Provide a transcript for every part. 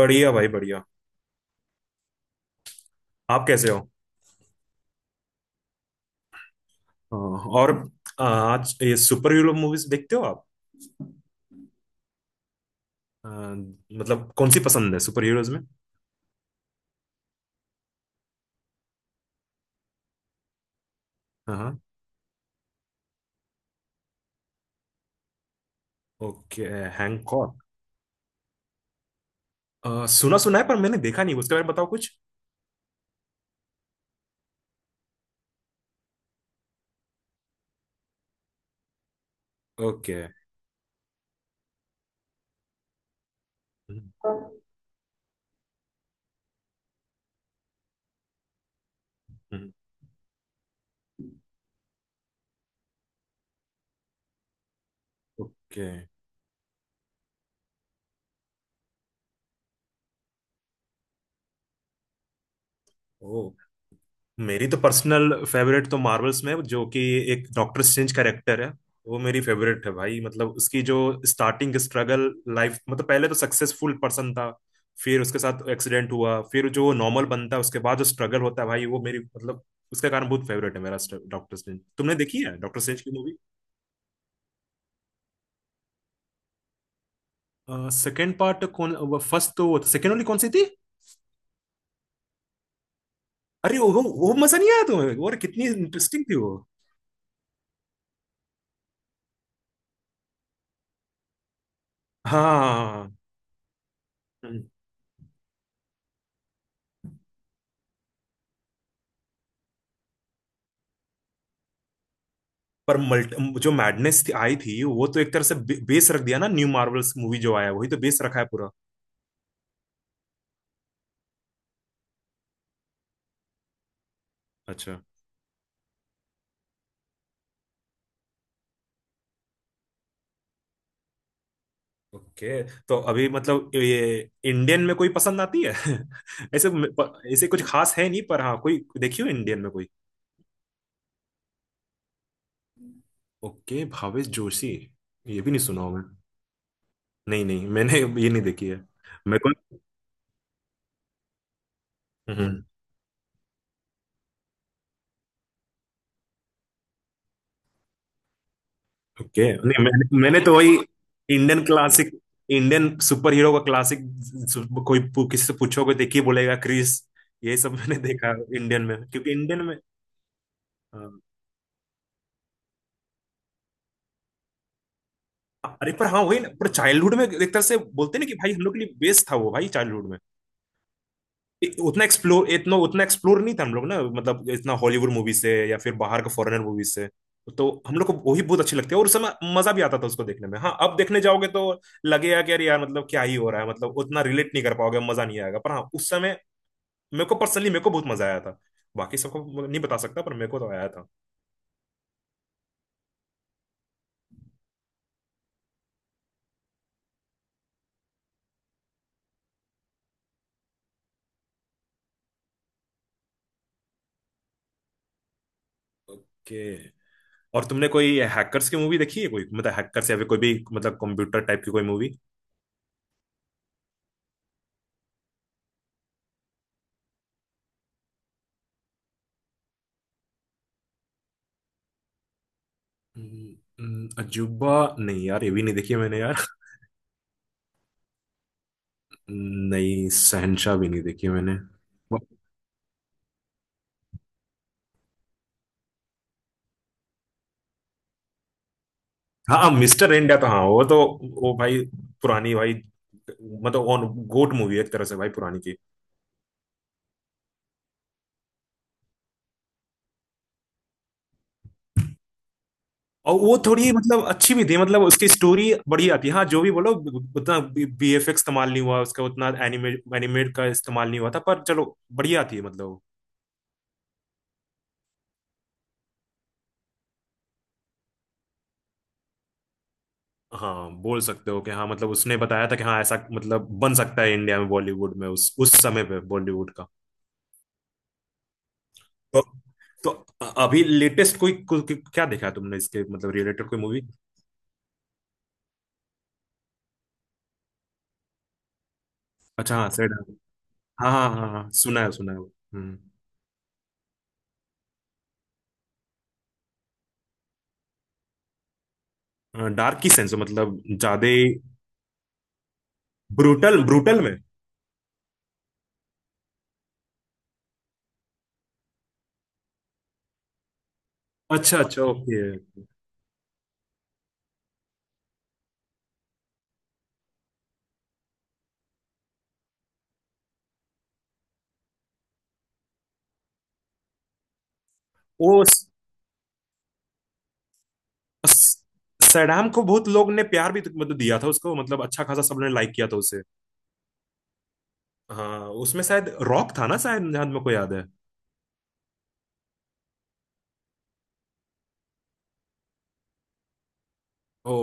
बढ़िया भाई बढ़िया। आप कैसे हो। अ, और आज ये सुपर हीरो मूवीज देखते हो आप। अ, मतलब कौन सी पसंद है सुपर हीरोज में। हाँ। ओके। हैंकॉक। सुना सुना है पर मैंने देखा नहीं, उसके बारे में बताओ कुछ। ओके। हम्म। हम्म। ओके। ओ। मेरी तो पर्सनल फेवरेट तो मार्वल्स में है, जो कि एक डॉक्टर स्ट्रेंज कैरेक्टर है। वो मेरी फेवरेट है भाई, मतलब उसकी जो स्टार्टिंग स्ट्रगल लाइफ, मतलब पहले तो सक्सेसफुल पर्सन था, फिर उसके साथ एक्सीडेंट हुआ, फिर जो नॉर्मल बनता है उसके बाद जो स्ट्रगल होता है भाई वो मेरी मतलब उसका कारण बहुत फेवरेट है मेरा। डॉक्टर स्ट्रेंज तुमने देखी है, डॉक्टर स्ट्रेंज की मूवी? सेकंड पार्ट कौन, फर्स्ट तो, वो सेकंड वाली कौन सी थी? अरे वो मजा नहीं आया तुम्हें, और कितनी इंटरेस्टिंग थी वो। हाँ। पर मल्ट जो मैडनेस थी आई थी वो तो एक तरह से बेस रख दिया ना, न्यू मार्वल्स मूवी जो आया है, वही तो बेस रखा है पूरा। अच्छा ओके। तो अभी मतलब ये इंडियन में कोई पसंद आती है ऐसे। ऐसे कुछ खास है नहीं पर हाँ कोई देखियो इंडियन में कोई। ओके भावेश जोशी। ये भी नहीं सुना हूं मैं। नहीं नहीं, मैंने ये नहीं देखी है। मेरे को। ओके, नहीं मैंने मैंने तो वही Indian classic, Indian super hero का क्लासिक। कोई किसी से पूछोगे देखिए बोलेगा क्रिस, ये सब मैंने देखा इंडियन में, क्योंकि इंडियन में हाँ, अरे पर हाँ वही ना, पर चाइल्डहुड में एक तरह से बोलते ना कि भाई हम लोग के लिए बेस्ट था वो भाई चाइल्डहुड में। उतना एक्सप्लोर नहीं था हम लोग ना, मतलब इतना हॉलीवुड मूवी से या फिर बाहर के फॉरेनर मूवी से। तो हम लोग को वही बहुत अच्छी लगती है, और उस समय मजा भी आता था उसको देखने में। हाँ, अब देखने जाओगे तो लगेगा कि यार यार, मतलब क्या ही हो रहा है, मतलब उतना रिलेट नहीं कर पाओगे, मजा नहीं आएगा, पर हाँ उस समय मेरे को पर्सनली मेरे को बहुत मजा आया था। बाकी सबको नहीं बता सकता पर मेरे को तो आया था। कि और तुमने कोई हैकर्स की मूवी देखी है कोई, मतलब हैकर्स या फिर कोई भी मतलब कंप्यूटर टाइप की कोई मूवी? अजूबा, नहीं यार ये भी नहीं देखी है मैंने यार। नहीं, शहनशाह भी नहीं देखी मैंने। वो- हाँ मिस्टर इंडिया तो हाँ वो तो, वो भाई पुरानी भाई, मतलब ऑन गोट मूवी है एक तरह से भाई पुरानी की। और वो थोड़ी मतलब अच्छी भी थी, मतलब उसकी स्टोरी बढ़िया थी, हाँ जो भी बोलो, उतना बीएफएक्स इस्तेमाल नहीं हुआ उसका, उतना एनिमेट का इस्तेमाल नहीं हुआ था, पर चलो बढ़िया थी मतलब। हाँ बोल सकते हो कि हाँ, मतलब उसने बताया था कि हाँ ऐसा मतलब बन सकता है इंडिया में, बॉलीवुड में, उस समय पे बॉलीवुड का। तो, तो अभी लेटेस्ट कोई कोई- कोई- क्या देखा है तुमने इसके मतलब रिलेटेड कोई मूवी? अच्छा हाँ सैड। हाँ हाँ हाँ हाँ, सुना है वो। हम्म। डार्क की सेंस मतलब ज्यादा ब्रूटल, ब्रूटल में। अच्छा अच्छा, ओके। वो स- सैडाम को बहुत लोग ने प्यार भी तो मतलब दिया था उसको, मतलब अच्छा खासा सबने लाइक किया था उसे। हाँ, उसमें शायद रॉक था ना शायद, जहां मेरे को याद है। ओ,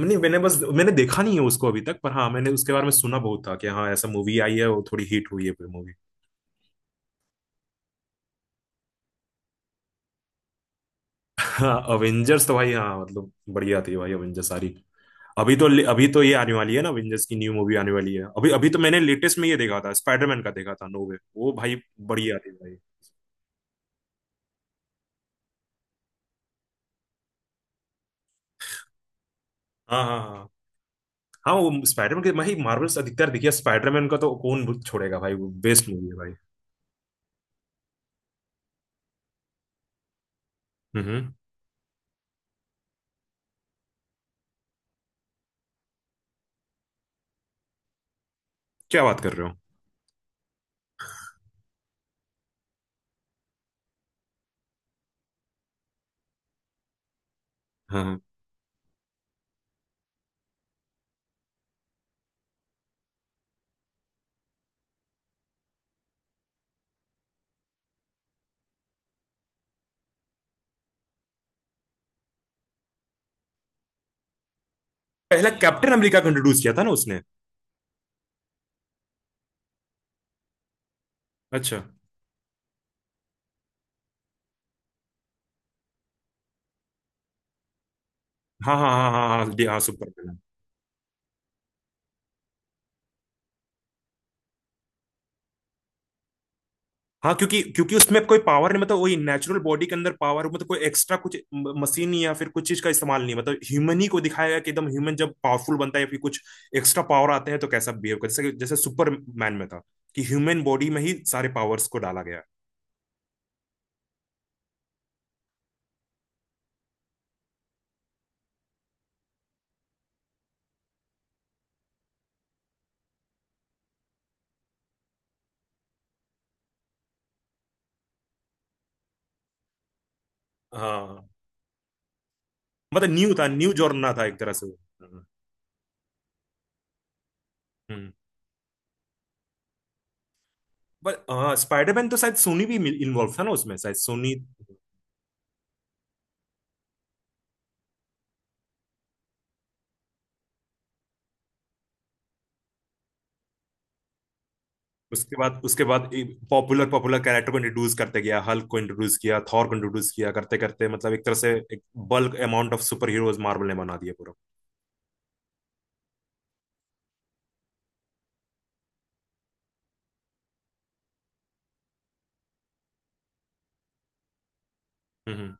मैंने मैंने बस मैंने देखा नहीं है उसको अभी तक, पर हाँ मैंने उसके बारे में सुना बहुत था कि हाँ ऐसा मूवी आई है, वो थोड़ी हिट हुई है मूवी। हाँ अवेंजर्स तो भाई हाँ, मतलब बढ़िया थी भाई अवेंजर्स सारी। अभी तो ये आने वाली है ना, अवेंजर्स की न्यू मूवी आने वाली है, अभी अभी तो मैंने लेटेस्ट में ये देखा था, स्पाइडरमैन का देखा था नो वे वो भाई, बढ़िया थी भाई। हाँ हाँ हाँ हाँ, वो स्पाइडरमैन के भाई मार्वल्स अधिकतर देखिए, स्पाइडरमैन का तो कौन छोड़ेगा भाई, वो बेस्ट मूवी है भाई। हम्म। हम्म। क्या बात कर रहे हो। हाँ हाँ, पहला कैप्टन अमेरिका को इंट्रोड्यूस किया था ना उसने। अच्छा। हाँ हाँ हाँ हाँ हाँ हाँ हाँ, हाँ, सुपर। हाँ क्योंकि क्योंकि उसमें कोई पावर नहीं, मतलब वही नेचुरल बॉडी के अंदर पावर, मतलब कोई एक्स्ट्रा कुछ मशीन या फिर कुछ चीज का इस्तेमाल नहीं, मतलब ह्यूमन ही को दिखाया गया कि एकदम ह्यूमन जब पावरफुल बनता है या फिर कुछ एक्स्ट्रा पावर आते हैं तो कैसा बिहेव कर, जैसे जैसे सुपरमैन में था, कि ह्यूमन बॉडी में ही सारे पावर्स को डाला गया। हाँ मतलब न्यू जॉर्ना था एक तरह से वो। हम्म। बट हाँ स्पाइडरमैन तो शायद सोनी भी इन्वॉल्व था ना उसमें, शायद सोनी। उसके बाद पॉपुलर पॉपुलर कैरेक्टर को इंट्रोड्यूस करते गया, हल्क को इंट्रोड्यूस किया, थॉर को इंट्रोड्यूस किया, करते करते मतलब एक तरह से एक bulk amount of super heroes Marvel ने बना दिया पूरा। हम्म।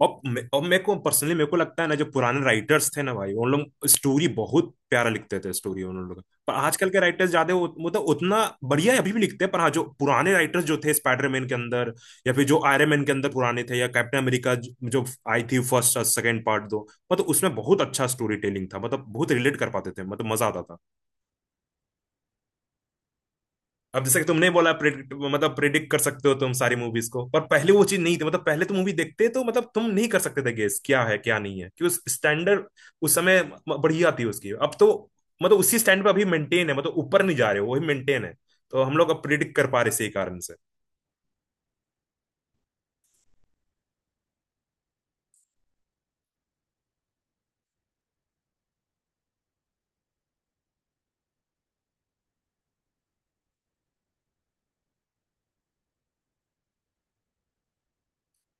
और और मेरे को पर्सनली मेरे को लगता है ना, जो पुराने राइटर्स थे ना भाई, उन लोग स्टोरी बहुत प्यारा लिखते थे स्टोरी उन लोग, पर आजकल के राइटर्स ज्यादा मतलब उतना बढ़िया अभी भी लिखते हैं, पर हाँ जो पुराने राइटर्स जो थे स्पाइडरमैन के अंदर या फिर जो आयरन मैन के अंदर पुराने थे, या कैप्टन अमेरिका जो आई थी फर्स्ट और सेकेंड पार्ट, दो मतलब उसमें बहुत अच्छा स्टोरी टेलिंग था, मतलब बहुत रिलेट कर पाते थे, मतलब मजा आता था। अब जैसे कि तुमने बोला मतलब प्रिडिक्ट कर सकते हो तुम सारी मूवीज को, पर पहले वो चीज नहीं थी, मतलब पहले तुम मूवी देखते तो मतलब तुम नहीं कर सकते थे गेस क्या है क्या नहीं है, कि उस स्टैंडर्ड उस समय बढ़िया थी उसकी। अब तो मतलब उसी स्टैंड पर अभी मेंटेन है, मतलब ऊपर नहीं जा रहे हो, वही मेंटेन है, तो हम लोग अब प्रिडिक्ट कर पा रहे इसी कारण से।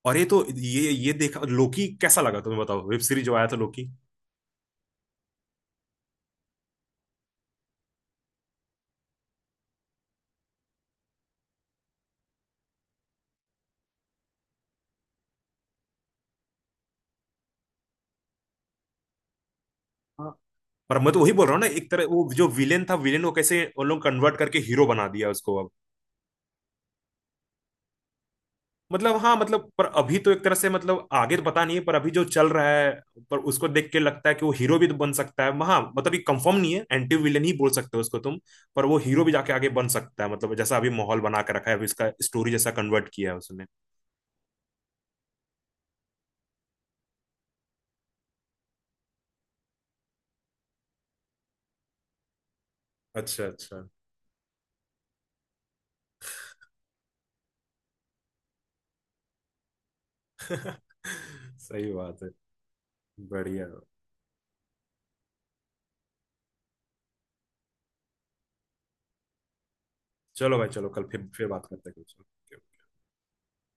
और ये तो ये देखा, लोकी कैसा लगा तुम्हें बताओ, वेब सीरीज जो आया था लोकी? हाँ पर मैं तो वही बोल रहा हूँ ना, एक तरह वो जो विलेन था, विलेन को कैसे उन लोग कन्वर्ट करके हीरो बना दिया उसको अब, मतलब हाँ, मतलब पर अभी तो एक तरह से, मतलब आगे तो पता नहीं है पर अभी जो चल रहा है, पर उसको देख के लगता है कि वो हीरो भी तो बन सकता है। हाँ मतलब ये कंफर्म नहीं है, एंटी विलन ही बोल सकते हो उसको तुम, पर वो हीरो भी जाके आगे बन सकता है, मतलब जैसा अभी माहौल बना के रखा है, अभी इसका स्टोरी जैसा कन्वर्ट किया है उसने। अच्छा अच्छा। सही बात है। बढ़िया। चलो भाई चलो, कल फिर बात करते हैं कुछ।